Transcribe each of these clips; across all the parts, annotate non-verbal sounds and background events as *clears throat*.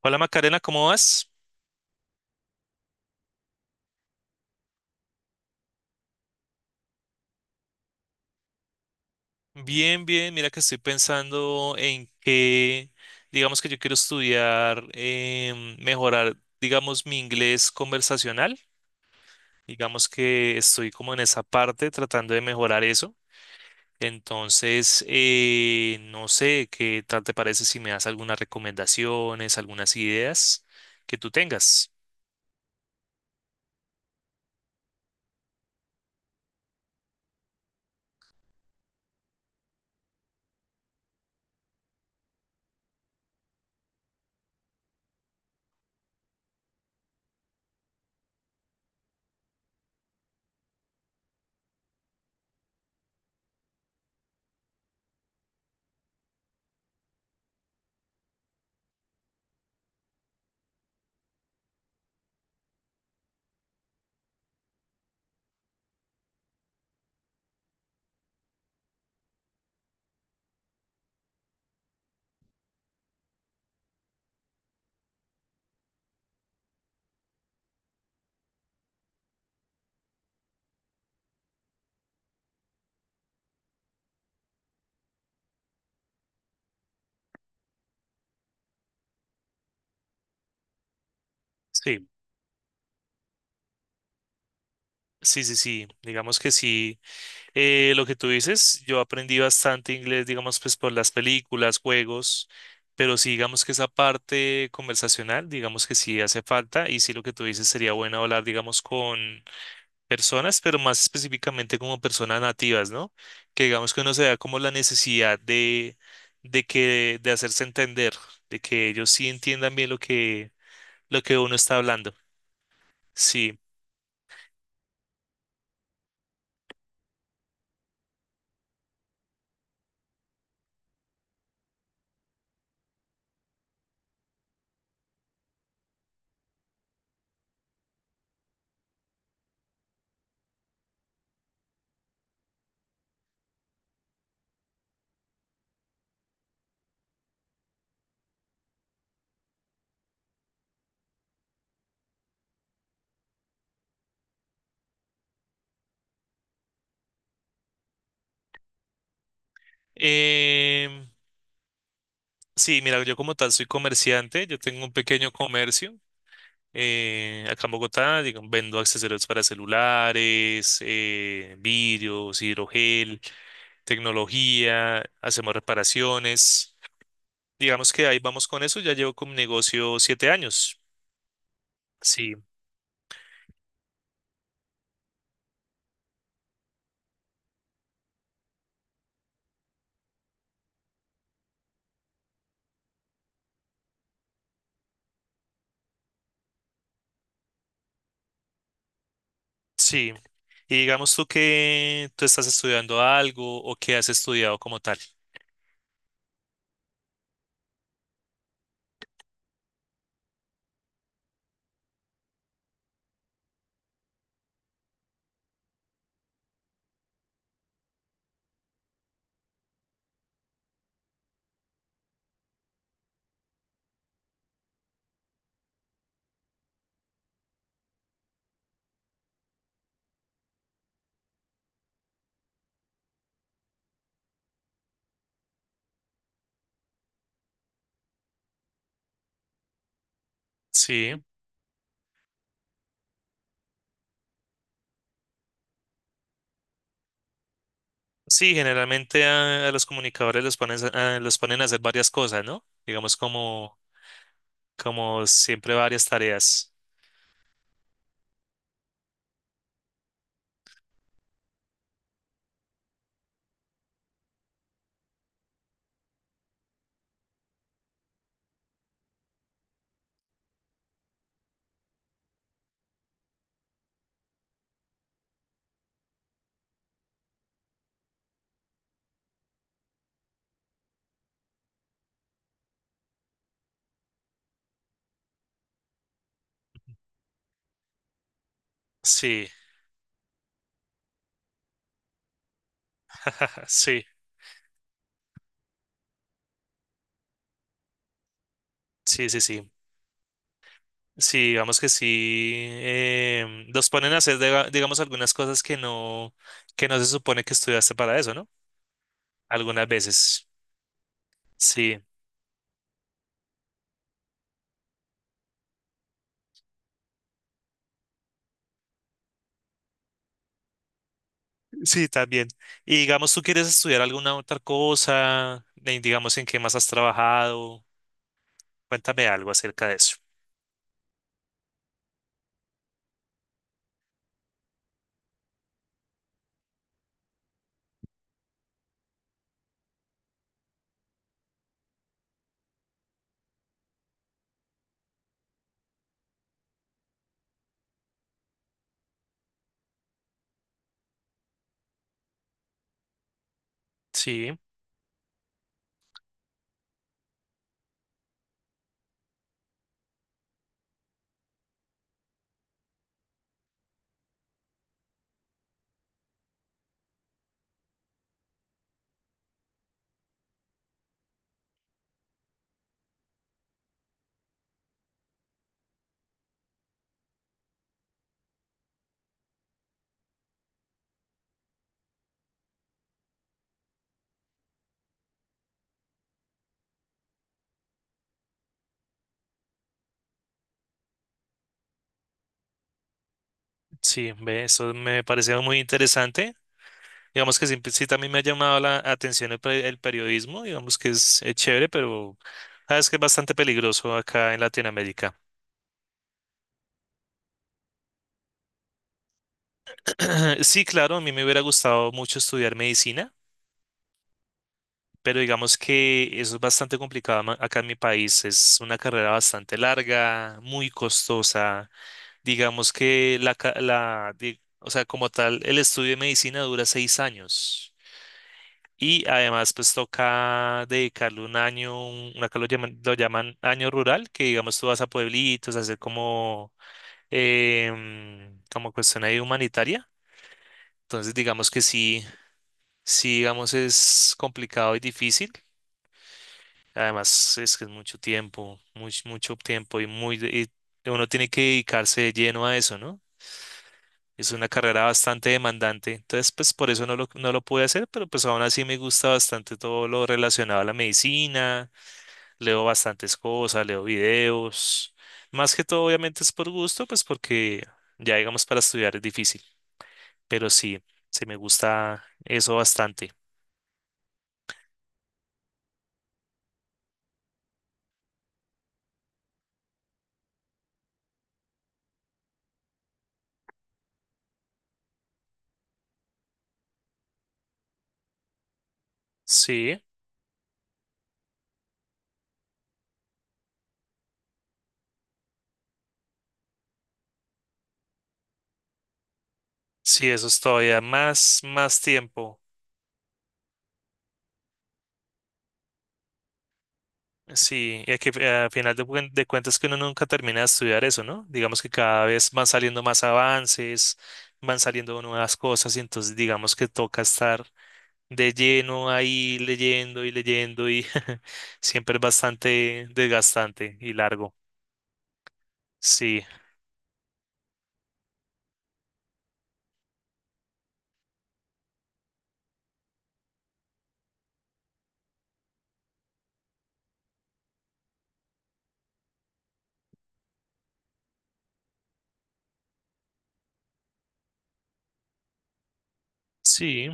Hola Macarena, ¿cómo vas? Bien, bien. Mira que estoy pensando en digamos que yo quiero estudiar, mejorar, digamos, mi inglés conversacional. Digamos que estoy como en esa parte tratando de mejorar eso. Entonces, no sé qué tal te parece si me das algunas recomendaciones, algunas ideas que tú tengas. Sí, sí, sí, sí. Digamos que sí. Lo que tú dices, yo aprendí bastante inglés, digamos, pues por las películas, juegos, pero sí, digamos que esa parte conversacional, digamos que sí hace falta y sí lo que tú dices sería bueno hablar, digamos, con personas, pero más específicamente como personas nativas, ¿no? Que digamos que uno se da como la necesidad de hacerse entender, de que ellos sí entiendan bien lo que uno está hablando. Sí. Em, sí, mira, yo como tal soy comerciante, yo tengo un pequeño comercio. Acá en Bogotá, digamos, vendo accesorios para celulares, vidrios, hidrogel, tecnología, hacemos reparaciones. Digamos que ahí vamos con eso, ya llevo con mi negocio 7 años. Sí, sí. Y digamos tú que tú estás estudiando algo o que has estudiado como tal. Sí, sí, generalmente a los comunicadores los ponen, los ponen a hacer varias cosas, ¿no? Digamos como, como siempre varias tareas. Sí, *laughs* sí. Sí, sí, sí. Sí, digamos que sí. Los ponen a hacer, digamos, algunas cosas que no se supone que estudiaste para eso, ¿no? Algunas veces. Sí, sí, también. Y digamos, ¿tú quieres estudiar alguna otra cosa? Digamos, ¿en qué más has trabajado? Cuéntame algo acerca de eso. Sí, sí, ve, eso me pareció muy interesante. Sí, también me ha llamado la atención el periodismo, digamos que es, chévere, pero sabes que es bastante peligroso acá en Latinoamérica. *clears throat* Sí, claro, a mí me hubiera gustado mucho estudiar medicina, pero digamos que eso es bastante complicado acá en mi país. Es una carrera bastante larga, muy costosa. Digamos que la, ca- la, di- o sea, como tal, el estudio de medicina dura 6 años. Y además, pues toca dedicarle un año, una que lo llaman año rural, que digamos tú vas a pueblitos a hacer como, como cuestión ahí humanitaria. Entonces, digamos que sí. Sí, digamos, es complicado y difícil. Además, es que es mucho tiempo, mucho, mucho tiempo y y uno tiene que dedicarse de lleno a eso, ¿no? Es una carrera bastante demandante. Entonces, pues por eso no lo pude hacer, pero pues aún así me gusta bastante todo lo relacionado a la medicina. Leo bastantes cosas, leo videos. Más que todo, obviamente, es por gusto, pues porque ya, digamos, para estudiar es difícil. Pero sí, sí me gusta eso bastante. Sí. Sí, eso es todavía más, más tiempo. Sí, y que a final de cuentas que uno nunca termina de estudiar eso, ¿no? Digamos que cada vez van saliendo más avances, van saliendo nuevas cosas y entonces digamos que toca estar de lleno ahí leyendo y leyendo y *laughs* siempre es bastante desgastante y largo. Sí, sí,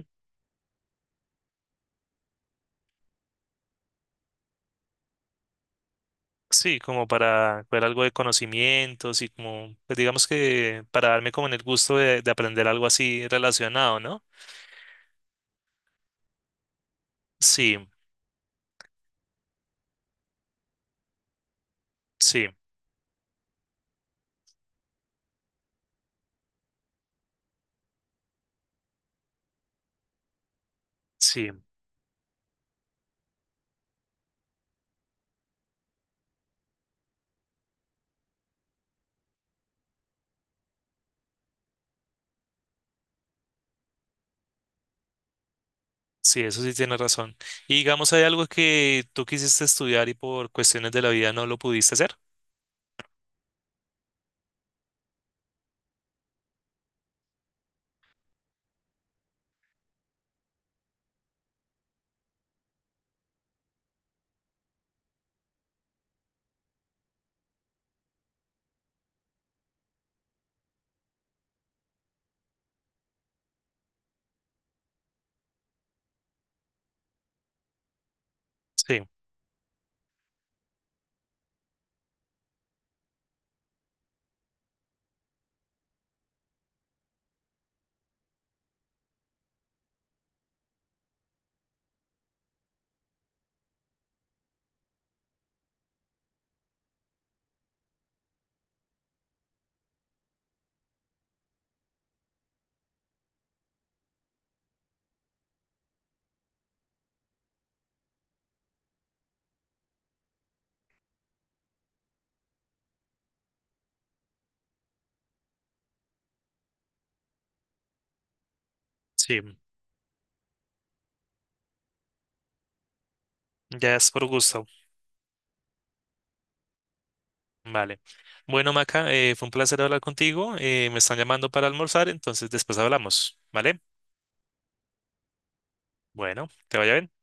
sí, como para ver algo de conocimientos y como, pues digamos que para darme como en el gusto de aprender algo así relacionado, ¿no? Sí. Sí, sí, sí, eso sí tiene razón. Y digamos, ¿hay algo que tú quisiste estudiar y por cuestiones de la vida no lo pudiste hacer? Sí, sí, ya es por gusto. Vale. Bueno, Maca, fue un placer hablar contigo. Me están llamando para almorzar, entonces después hablamos, ¿vale? Bueno, te vaya bien.